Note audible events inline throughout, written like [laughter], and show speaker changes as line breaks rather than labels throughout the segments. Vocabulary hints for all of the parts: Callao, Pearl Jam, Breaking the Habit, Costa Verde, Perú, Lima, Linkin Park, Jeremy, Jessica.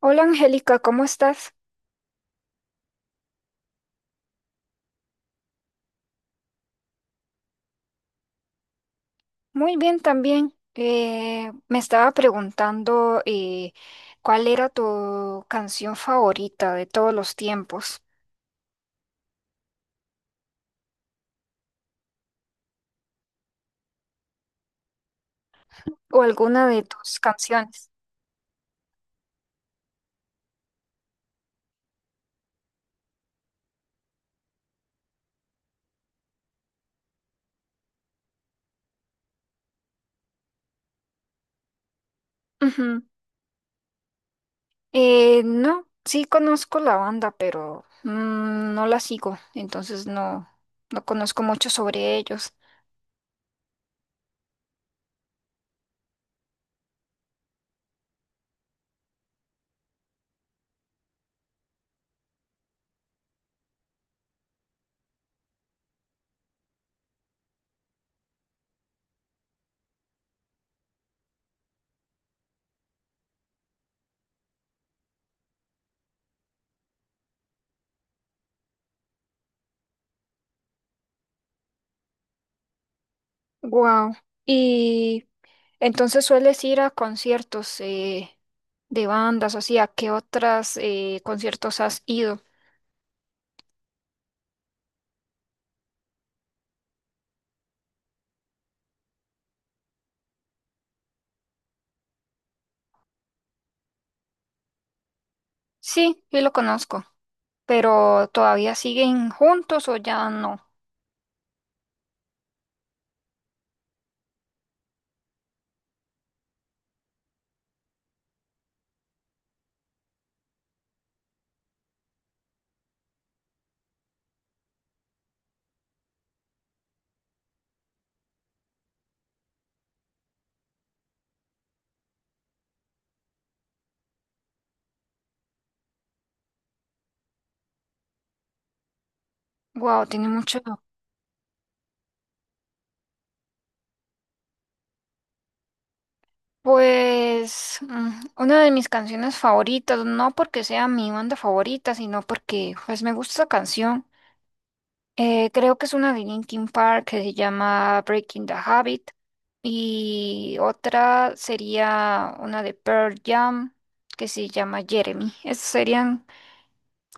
Hola Angélica, ¿cómo estás? Muy bien también. Me estaba preguntando, cuál era tu canción favorita de todos los tiempos o alguna de tus canciones. Ujú. No, sí conozco la banda, pero no la sigo, no conozco mucho sobre ellos. Wow. Y entonces sueles ir a conciertos, de bandas, o sea, ¿qué otras, conciertos has ido? Sí, sí lo conozco, pero ¿todavía siguen juntos o ya no? Wow, tiene mucho. Pues una de mis canciones favoritas, no porque sea mi banda favorita, sino porque pues me gusta esa canción. Creo que es una de Linkin Park que se llama Breaking the Habit, y otra sería una de Pearl Jam que se llama Jeremy. Esas serían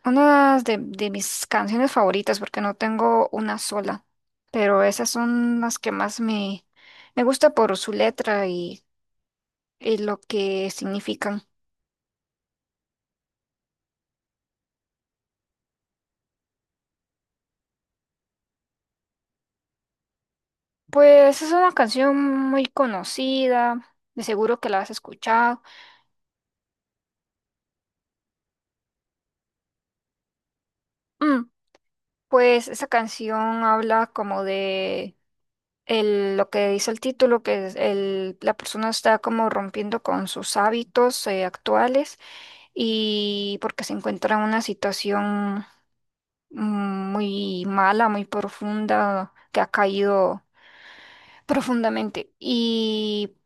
una de mis canciones favoritas, porque no tengo una sola, pero esas son las que más me gusta por su letra y lo que significan. Pues es una canción muy conocida, de seguro que la has escuchado. Mm, pues esa canción habla como de lo que dice el título, que es la persona está como rompiendo con sus hábitos, actuales, y porque se encuentra en una situación, mm, muy mala, muy profunda, que ha caído profundamente. Y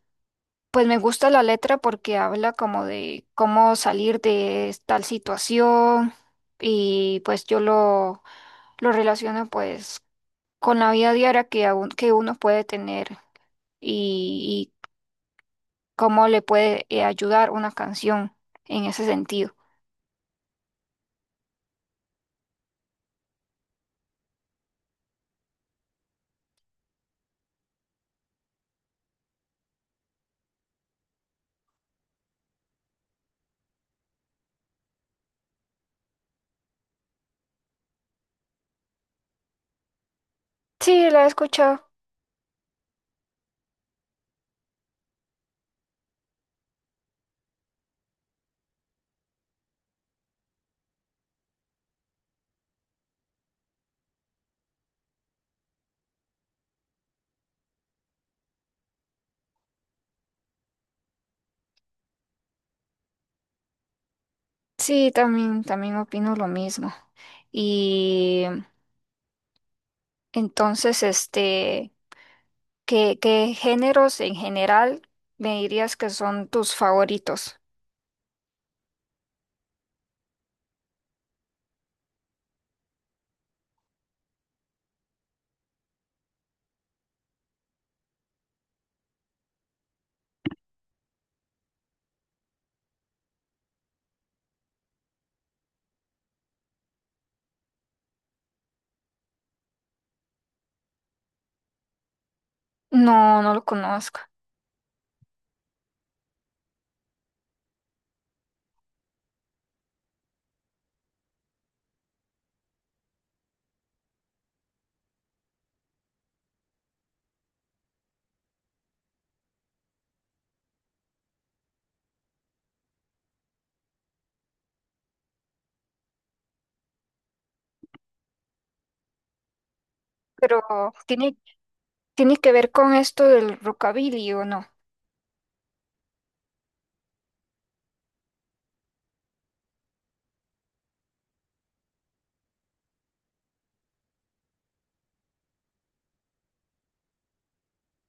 pues me gusta la letra porque habla como de cómo salir de tal situación, y pues lo relaciono, pues, con la vida diaria que, que uno puede tener, y cómo le puede, ayudar una canción en ese sentido. Sí, la he escuchado. Sí, también, también opino lo mismo. Y entonces, este, ¿qué, qué géneros en general me dirías que son tus favoritos? No, no lo conozco, pero tiene, tiene que ver con esto del rockabilly, ¿o no?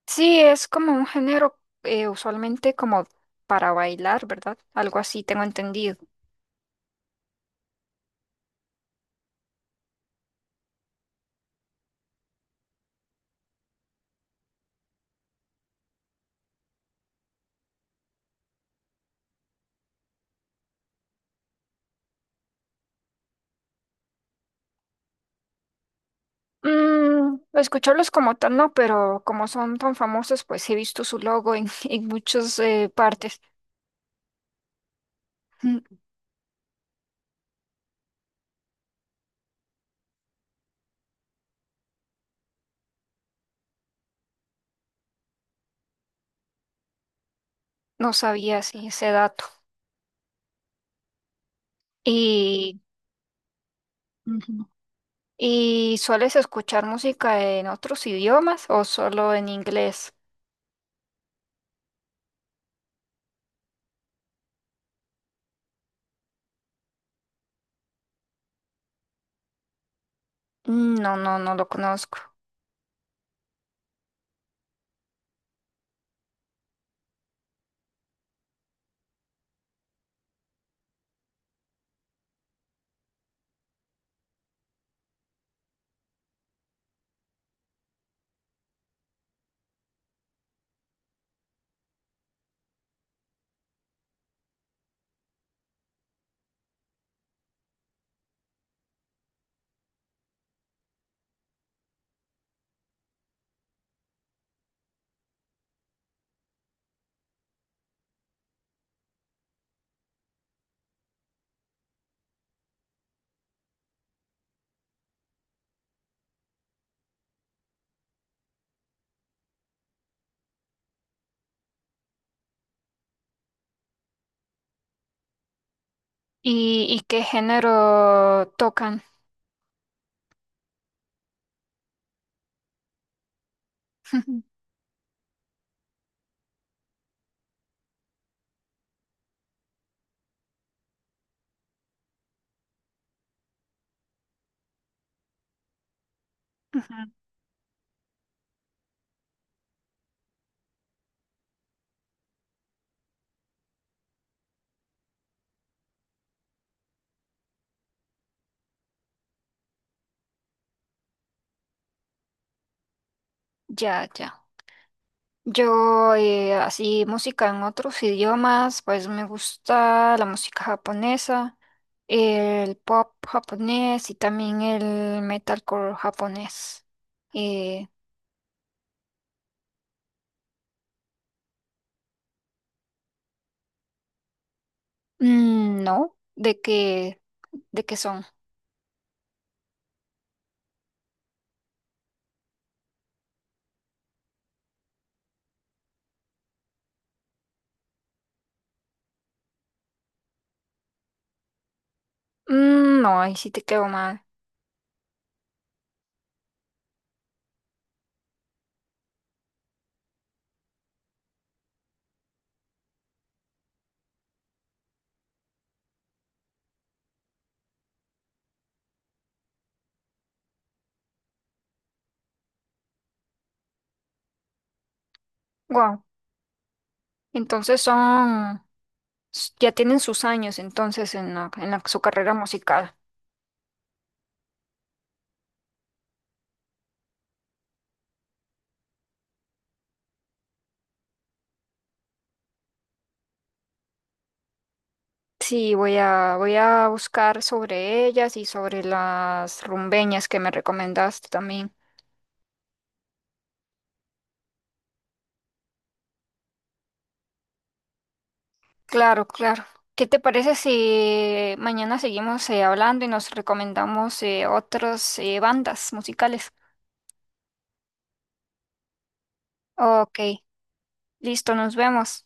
Sí, es como un género, usualmente como para bailar, ¿verdad? Algo así tengo entendido. Mm, escucharlos como tal no, pero como son tan famosos, pues he visto su logo en, [laughs] en muchas, partes. Mm, no sabía si ese dato. Y... Ujú. ¿Y sueles escuchar música en otros idiomas o solo en inglés? Mm, no, no, no lo conozco. Y qué género tocan? [laughs] Ujú. Ya, ya. Yo, así, música en otros idiomas, pues me gusta la música japonesa, el pop japonés y también el metalcore japonés. Eh, no, de qué son? Mm, no, ahí sí te quedo mal. Entonces son, ya tienen sus años entonces en en su carrera musical. Sí, voy a, voy a buscar sobre ellas y sobre las rumbeñas que me recomendaste también. Claro, claro. ¿Qué te parece si mañana seguimos, hablando, y nos recomendamos, otras, bandas musicales? Ok, listo, nos vemos.